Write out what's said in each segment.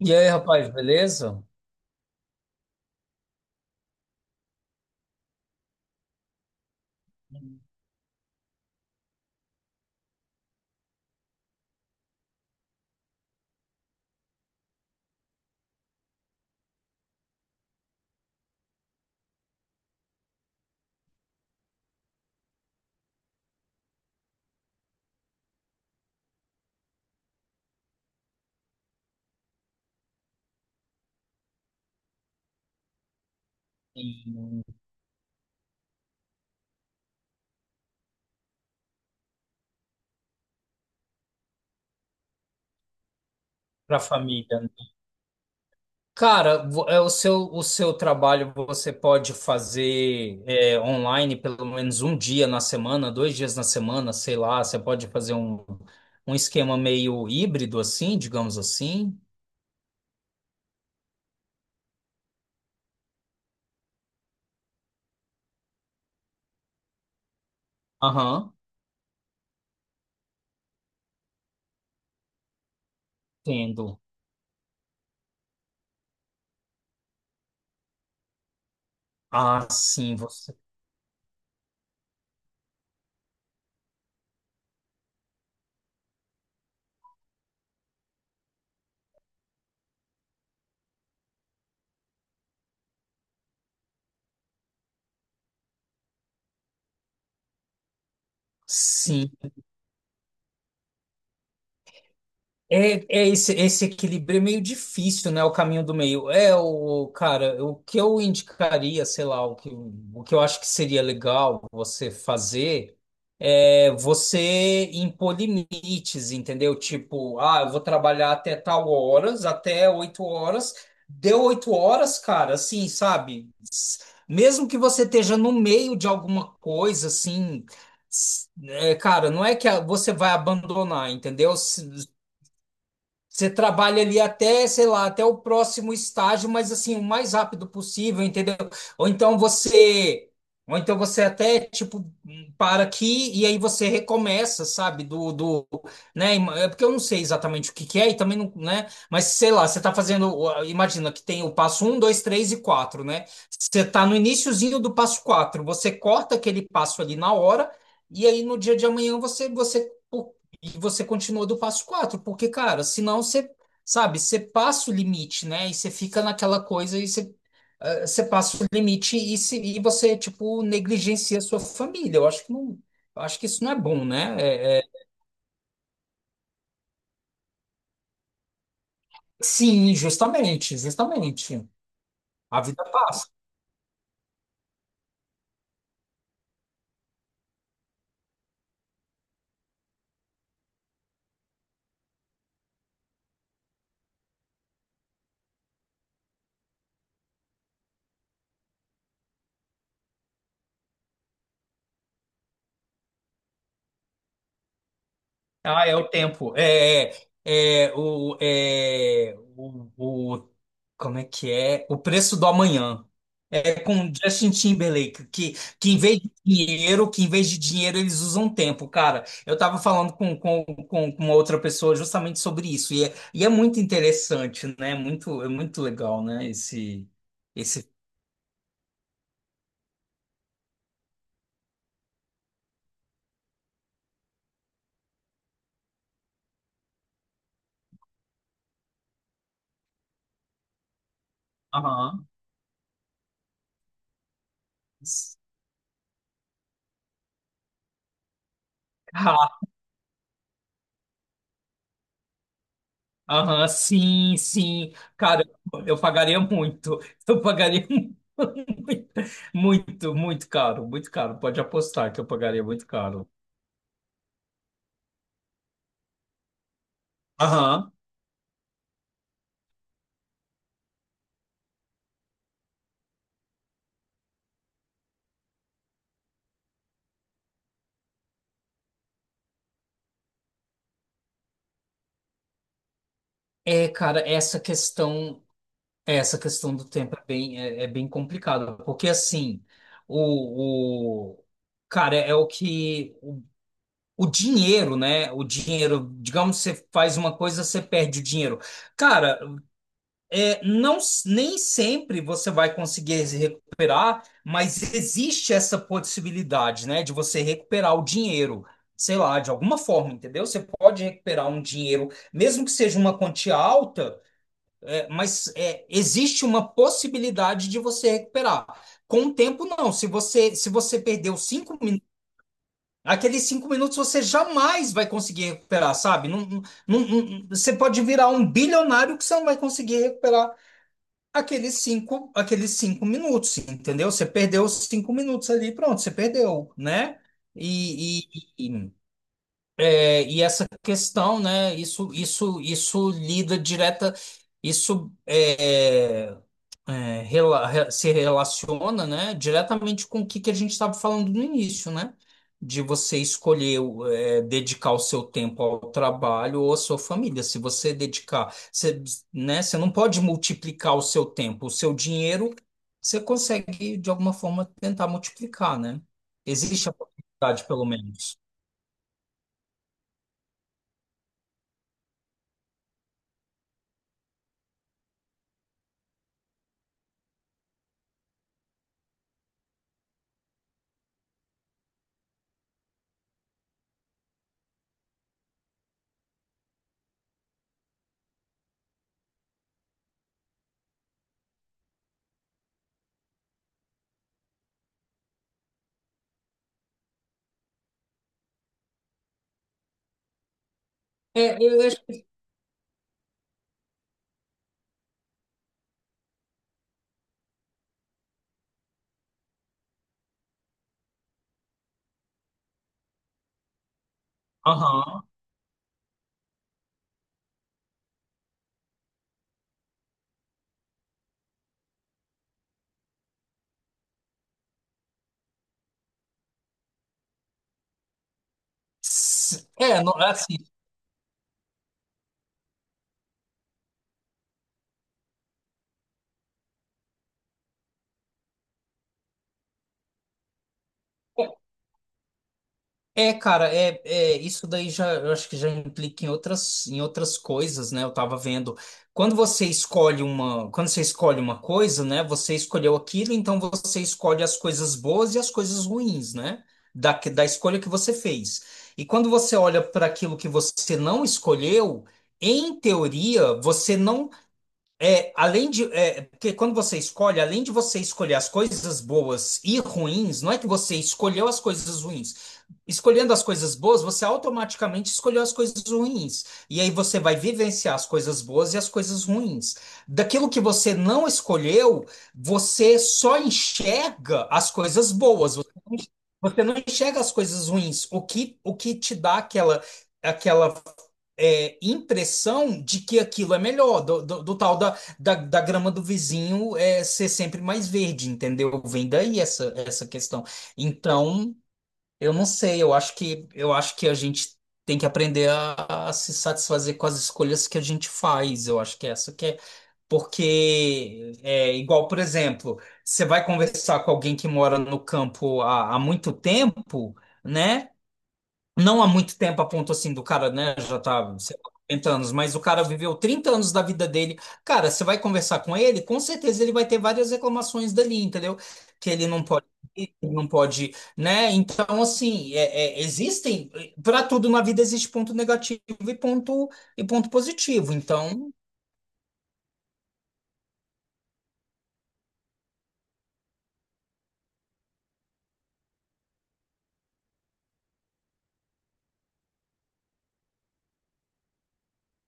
E aí, rapaz, beleza? E para a família, né? Cara, o seu trabalho você pode fazer online pelo menos um dia na semana, dois dias na semana, sei lá. Você pode fazer um esquema meio híbrido assim, digamos assim. Aham, entendo. Ah, sim, você. Sim. É, é esse equilíbrio é meio difícil, né? O caminho do meio. É cara, o que eu indicaria, sei lá, o que eu acho que seria legal você fazer é você impor limites, entendeu? Tipo, ah, eu vou trabalhar até tal horas, até 8 horas. Deu oito horas, cara, assim, sabe? Mesmo que você esteja no meio de alguma coisa, assim. Cara, não é que você vai abandonar, entendeu? Você trabalha ali até, sei lá, até o próximo estágio, mas assim, o mais rápido possível, entendeu? Ou então você, ou então você até tipo para aqui e aí você recomeça, sabe? Né? É porque eu não sei exatamente o que que é e também não, né? Mas sei lá, você tá fazendo, imagina que tem o passo um, dois, três e quatro, né? Você tá no iniciozinho do passo quatro, você corta aquele passo ali na hora e aí no dia de amanhã você e você continua do passo quatro porque, cara, senão você, sabe, você passa o limite, né? E você fica naquela coisa e você, você passa o limite e, se, e você, tipo, negligencia a sua família. Eu acho que não, eu acho que isso não é bom, né? Sim, justamente, justamente. A vida passa. Ah, é o tempo. É como é que é? O preço do amanhã. É com Justin Timberlake, que em vez de dinheiro, que em vez de dinheiro eles usam tempo, cara. Eu tava falando com uma outra pessoa justamente sobre isso, e é muito interessante, né? Muito, é muito legal, né? Esse... Aham. Aham, sim, sim. Cara, eu pagaria muito. Eu pagaria muito, muito, muito caro, muito caro. Pode apostar que eu pagaria muito caro. Aham. É, cara, essa questão do tempo é bem, é bem complicada, porque assim, o cara é o que o dinheiro, né? O dinheiro, digamos, você faz uma coisa, você perde o dinheiro. Cara, não, nem sempre você vai conseguir se recuperar, mas existe essa possibilidade, né, de você recuperar o dinheiro, sei lá, de alguma forma, entendeu? Você pode recuperar um dinheiro, mesmo que seja uma quantia alta, existe uma possibilidade de você recuperar. Com o tempo, não. Se você, se você perdeu 5 minutos, aqueles 5 minutos você jamais vai conseguir recuperar, sabe? Não, você pode virar um bilionário que você não vai conseguir recuperar aqueles cinco, aqueles 5 minutos, entendeu? Você perdeu os 5 minutos ali, pronto, você perdeu, né? E, e, e, e essa questão, né? Isso lida direta. Isso se relaciona, né, diretamente com que a gente estava falando no início, né? De você escolher dedicar o seu tempo ao trabalho ou à sua família. Se você dedicar, você, né, você não pode multiplicar o seu tempo, o seu dinheiro, você consegue, de alguma forma, tentar multiplicar, né? Existe a possibilidade, pelo menos. É, eu acho que Aham. É, não, é assim. É isso daí já eu acho que já implica em outras coisas, né? Eu tava vendo quando você escolhe uma coisa, né? Você escolheu aquilo, então você escolhe as coisas boas e as coisas ruins, né? Da escolha que você fez. E quando você olha para aquilo que você não escolheu, em teoria, você não porque quando você escolhe, além de você escolher as coisas boas e ruins, não é que você escolheu as coisas ruins. Escolhendo as coisas boas, você automaticamente escolheu as coisas ruins. E aí você vai vivenciar as coisas boas e as coisas ruins. Daquilo que você não escolheu, você só enxerga as coisas boas. Você não enxerga as coisas ruins. O que te dá aquela, aquela impressão de que aquilo é melhor, do tal da grama do vizinho é, ser sempre mais verde, entendeu? Vem daí essa, essa questão. Então, eu não sei, eu acho que a gente tem que aprender a se satisfazer com as escolhas que a gente faz, eu acho que é essa que é. Porque é igual, por exemplo, você vai conversar com alguém que mora no campo há muito tempo, né? Não há muito tempo a ponto assim do cara, né, já tá, sei lá, 40 anos, mas o cara viveu 30 anos da vida dele. Cara, você vai conversar com ele, com certeza ele vai ter várias reclamações dali, entendeu? Que ele não pode, ir, que ele não pode, né? Então, assim, existem, para tudo na vida existe ponto negativo e ponto, e ponto positivo. Então,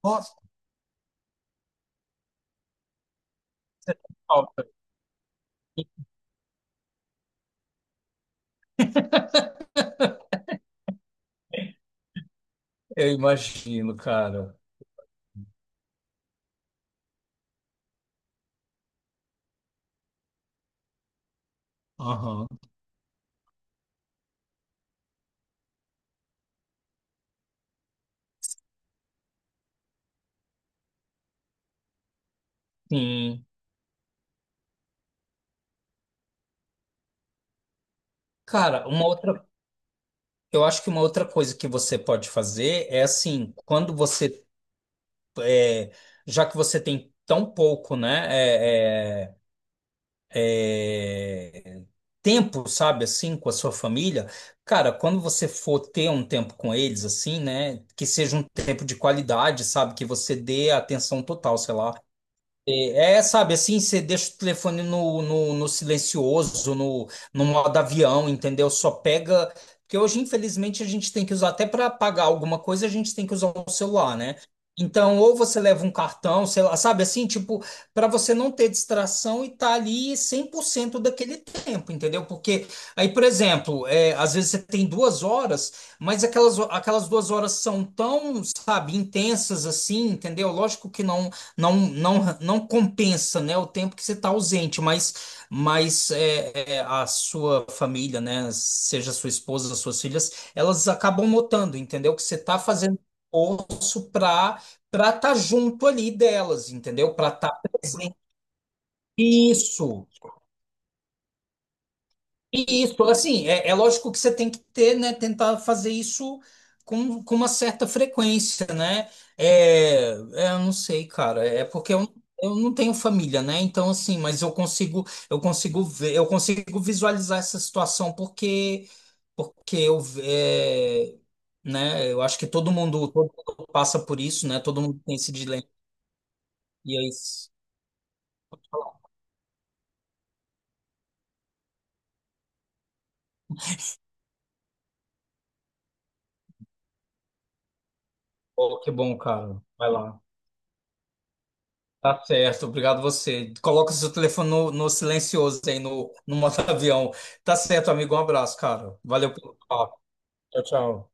nossa, eu imagino, cara. Aham. Sim. Cara, uma outra, eu acho que uma outra coisa que você pode fazer é assim, quando você já que você tem tão pouco, né, é, é, tempo, sabe, assim, com a sua família, cara, quando você for ter um tempo com eles, assim, né, que seja um tempo de qualidade, sabe, que você dê atenção total, sei lá, sabe, assim, você deixa o telefone no silencioso, no modo avião, entendeu? Só pega. Porque hoje, infelizmente, a gente tem que usar, até para pagar alguma coisa, a gente tem que usar o celular, né? Então, ou você leva um cartão, sei lá, sabe, assim, tipo, para você não ter distração e tá ali 100% daquele tempo, entendeu? Porque aí, por exemplo, às vezes você tem 2 horas, mas aquelas, aquelas 2 horas são tão, sabe, intensas assim, entendeu? Lógico que não não compensa, né, o tempo que você está ausente, a sua família, né, seja sua esposa, suas filhas, elas acabam notando, entendeu? Que você está fazendo esforço para estar junto ali delas, entendeu? Para estar presente. Isso. E isso, assim, é lógico que você tem que ter, né, tentar fazer isso com uma certa frequência, né? Eu não sei, cara, é porque eu não tenho família, né? Então, assim, mas eu consigo ver, eu consigo visualizar essa situação porque, porque eu, né, eu acho que todo mundo passa por isso, né? Todo mundo tem esse dilema. E é isso. Oh, que bom, cara. Vai lá. Tá certo, obrigado você. Coloca o seu telefone no silencioso aí, no modo avião. Tá certo, amigo, um abraço, cara. Valeu pelo papo. Tchau, tchau.